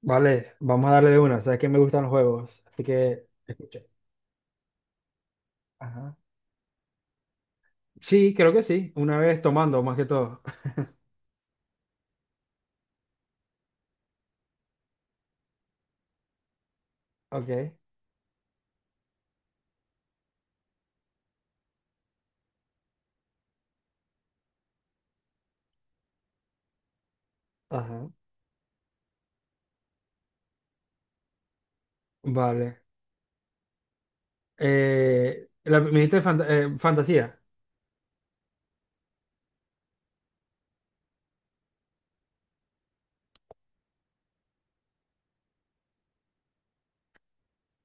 Vale, vamos a darle de una. Sabes que me gustan los juegos, así que escucha. Ajá. Sí, creo que sí. Una vez tomando, más que todo. Ok. Ajá. Vale. La, me dijiste fantasía.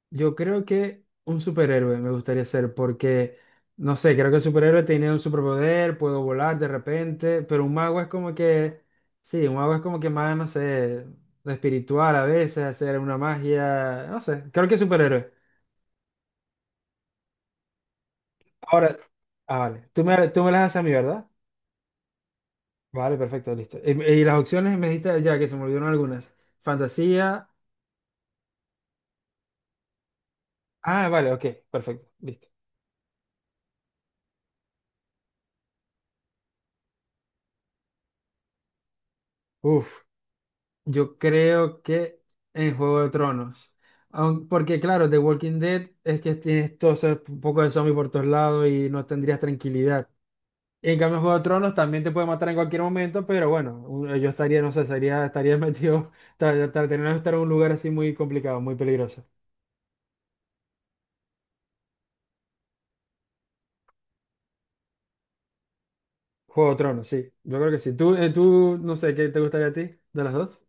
Yo creo que un superhéroe me gustaría ser porque, no sé, creo que el superhéroe tiene un superpoder, puedo volar de repente, pero un mago es como que, sí, un mago es como que más, no sé, espiritual a veces, hacer una magia, no sé, creo que superhéroe. Ahora, ah, vale. Tú me las haces a mí, ¿verdad? Vale, perfecto, listo. Y las opciones me dijiste ya que se me olvidaron algunas. Fantasía. Ah, vale, ok, perfecto, listo. Uf, yo creo que en Juego de Tronos. Porque claro, The Walking Dead es que tienes todo ese poco de zombie por todos lados y no tendrías tranquilidad. En cambio, en Juego de Tronos también te puede matar en cualquier momento, pero bueno, yo estaría, no sé, estaría metido, tendría que estar en un lugar así muy complicado, muy peligroso. Juego de Tronos, sí. Yo creo que sí. Tú, tú, no sé, ¿qué te gustaría a ti de las dos?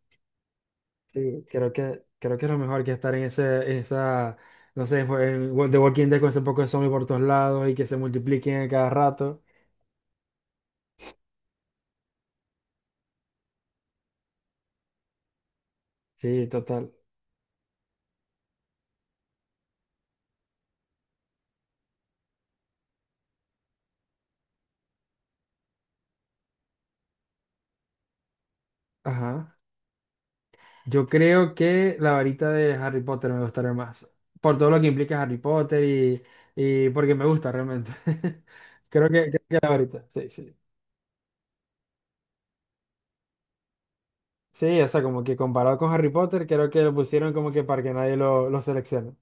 Sí, creo que es lo mejor que estar en ese, en esa, no sé, en The Walking Dead con ese poco de zombies por todos lados y que se multipliquen a cada rato. Sí, total. Ajá. Yo creo que la varita de Harry Potter me gustaría más. Por todo lo que implica Harry Potter y porque me gusta realmente. Creo que la varita, sí, sí. Sí, o sea, como que comparado con Harry Potter, creo que lo pusieron como que para que nadie lo seleccione.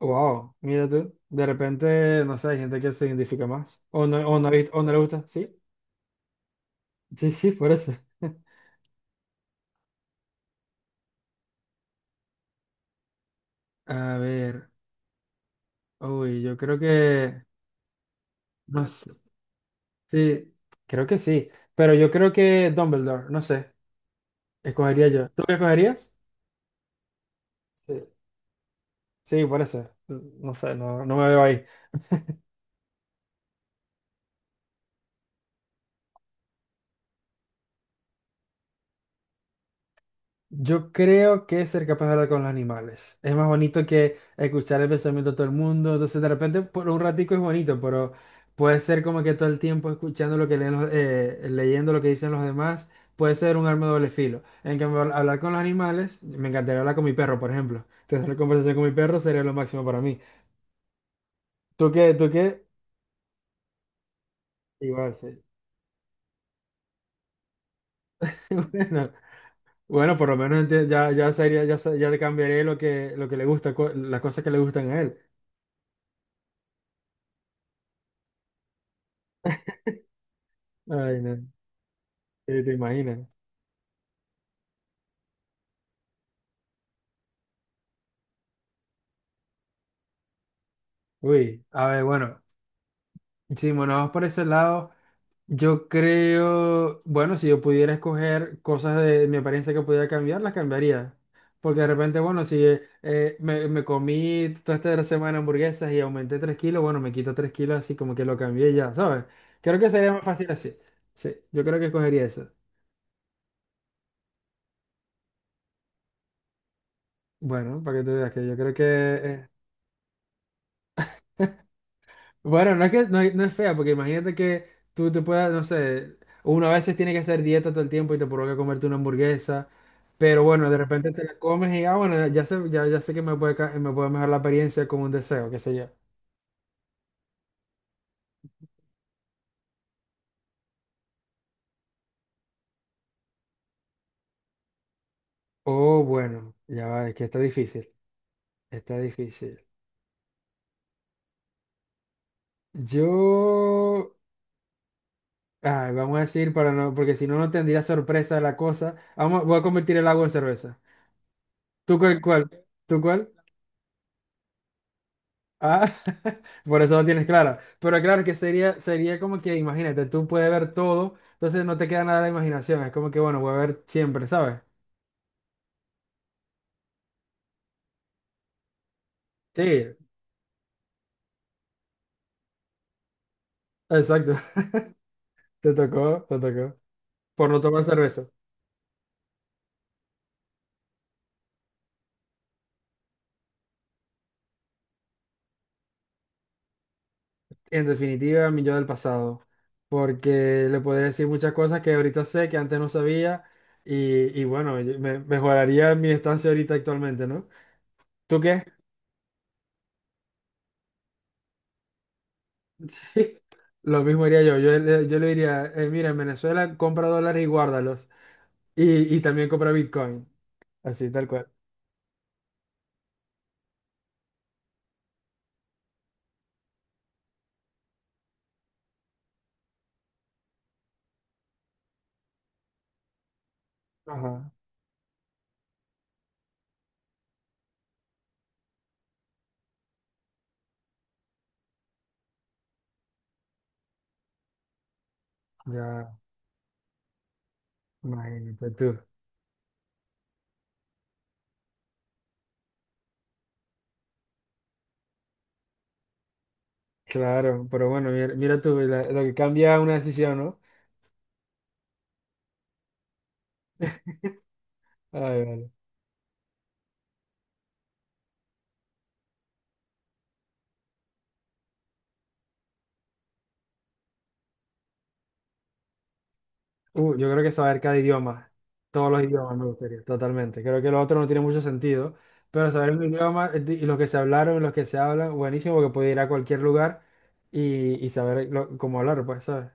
Wow, mira tú. De repente, no sé, hay gente que se identifica más. O no, ha visto- o no le gusta. Sí, sí, sí, por eso. A ver, uy, yo creo que, no sé, sí, creo que sí, pero yo creo que Dumbledore, no sé, escogería yo. ¿Tú qué escogerías? Sí, sí, por eso, no sé, no, no me veo ahí. Yo creo que ser capaz de hablar con los animales. Es más bonito que escuchar el pensamiento de todo el mundo. Entonces, de repente, por un ratico es bonito, pero puede ser como que todo el tiempo escuchando lo que leyendo lo que dicen los demás, puede ser un arma de doble filo. En cambio, hablar con los animales, me encantaría hablar con mi perro, por ejemplo. Tener una conversación con mi perro sería lo máximo para mí. ¿Tú qué? ¿Tú qué? Igual, sí. Bueno, bueno, por lo menos ya, ya sería, ya le cambiaré lo que le gusta, las cosas que le gustan a él. Ay, no. ¿Te imaginas? Uy, a ver, bueno, si nos vamos por ese lado, yo creo, bueno, si yo pudiera escoger cosas de mi apariencia que pudiera cambiar, las cambiaría. Porque de repente, bueno, si me comí toda esta semana hamburguesas y aumenté 3 kilos, bueno, me quito 3 kilos así como que lo cambié y ya, ¿sabes? Creo que sería más fácil así. Sí, yo creo que escogería eso. Bueno, para que tú veas que yo creo que... Bueno, no es que no es fea, porque imagínate que tú te puedas, no sé, uno a veces tiene que hacer dieta todo el tiempo y te provoca comerte una hamburguesa, pero bueno, de repente te la comes y ah, bueno, ya sé, ya, ya sé que me puede, me puede mejorar la experiencia con un deseo, qué sé yo. Oh, bueno, ya va, es que está difícil, está difícil. Yo, ay, vamos a decir para no, porque si no, no tendría sorpresa la cosa. Vamos, voy a convertir el agua en cerveza. ¿Tú cuál, cuál? ¿Tú cuál? Ah, por eso no tienes claro. Pero claro que sería, sería como que, imagínate, tú puedes ver todo, entonces no te queda nada de la imaginación. Es como que, bueno, voy a ver siempre, ¿sabes? Sí, exacto. Te tocó, te tocó. Por no tomar cerveza. En definitiva, mi yo del pasado. Porque le podría decir muchas cosas que ahorita sé, que antes no sabía. Y bueno, mejoraría mi estancia ahorita actualmente, ¿no? ¿Tú qué? Sí, lo mismo haría yo. Yo, yo le diría, mira, en Venezuela compra dólares y guárdalos. Y también compra Bitcoin, así tal cual. Ajá. Ya, imagínate tú. Claro, pero bueno, mira, mira tú, lo que cambia una decisión, ¿no? Ay, vale. Yo creo que saber cada idioma, todos los idiomas me gustaría, totalmente. Creo que lo otro no tiene mucho sentido, pero saber un idioma y los que se hablaron, los que se hablan, buenísimo, porque puedo ir a cualquier lugar y saber cómo hablar, pues, ¿sabes?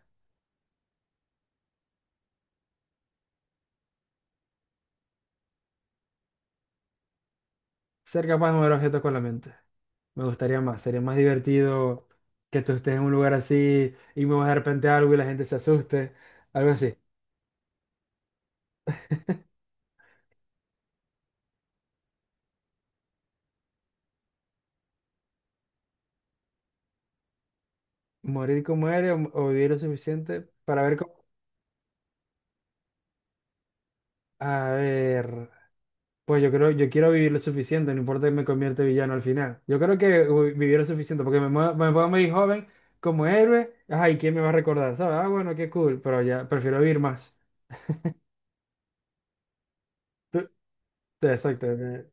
Ser capaz de mover objetos con la mente. Me gustaría más, sería más divertido que tú estés en un lugar así y me vas de repente algo y la gente se asuste, algo así. Morir como eres o vivir lo suficiente para ver cómo... A ver, pues yo creo, yo quiero vivir lo suficiente, no importa que me convierta en villano al final. Yo creo que uy, vivir lo suficiente, porque me puedo morir joven como héroe, ay, ¿quién me va a recordar? ¿Sabes? Ah, bueno, qué cool, pero ya prefiero vivir más. Tú- Exacto, eh,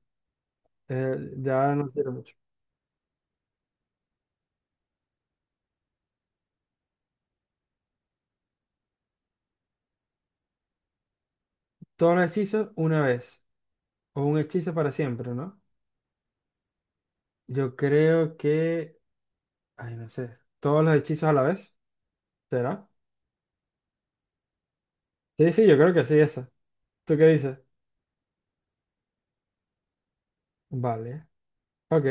eh, ya no sirve mucho. Todos los hechizos una vez, o un hechizo para siempre, ¿no? Yo creo que, ay, no sé, todos los hechizos a la vez, ¿será? Sí, sí, yo creo que sí, esa. ¿Tú qué dices? Vale, ok.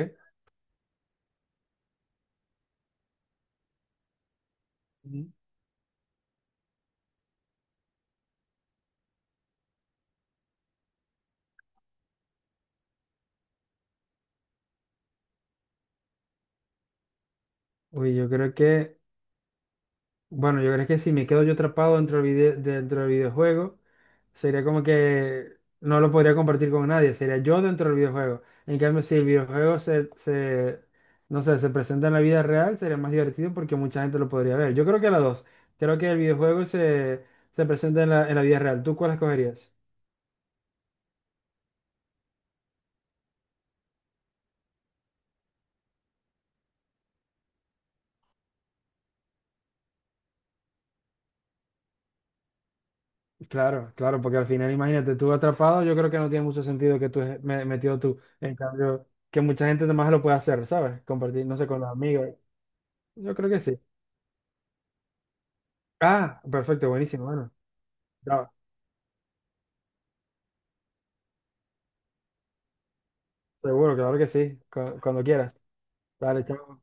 Ujú. Uy, yo creo que, bueno, yo creo que si me quedo yo atrapado dentro del videojuego, sería como que no lo podría compartir con nadie, sería yo dentro del videojuego. En cambio, si el videojuego se, no sé, se presenta en la vida real, sería más divertido porque mucha gente lo podría ver. Yo creo que las dos. Creo que el videojuego se, se presenta en en la vida real. ¿Tú cuál escogerías? Claro, claro, porque al final, imagínate, tú atrapado, yo creo que no tiene mucho sentido que tú metido tú. En cambio, que mucha gente más lo puede hacer, ¿sabes? Compartir, no sé, con los amigos. Yo creo que sí. Ah, perfecto, buenísimo, bueno. Ya, seguro, claro que sí. Cuando quieras. Dale, chao.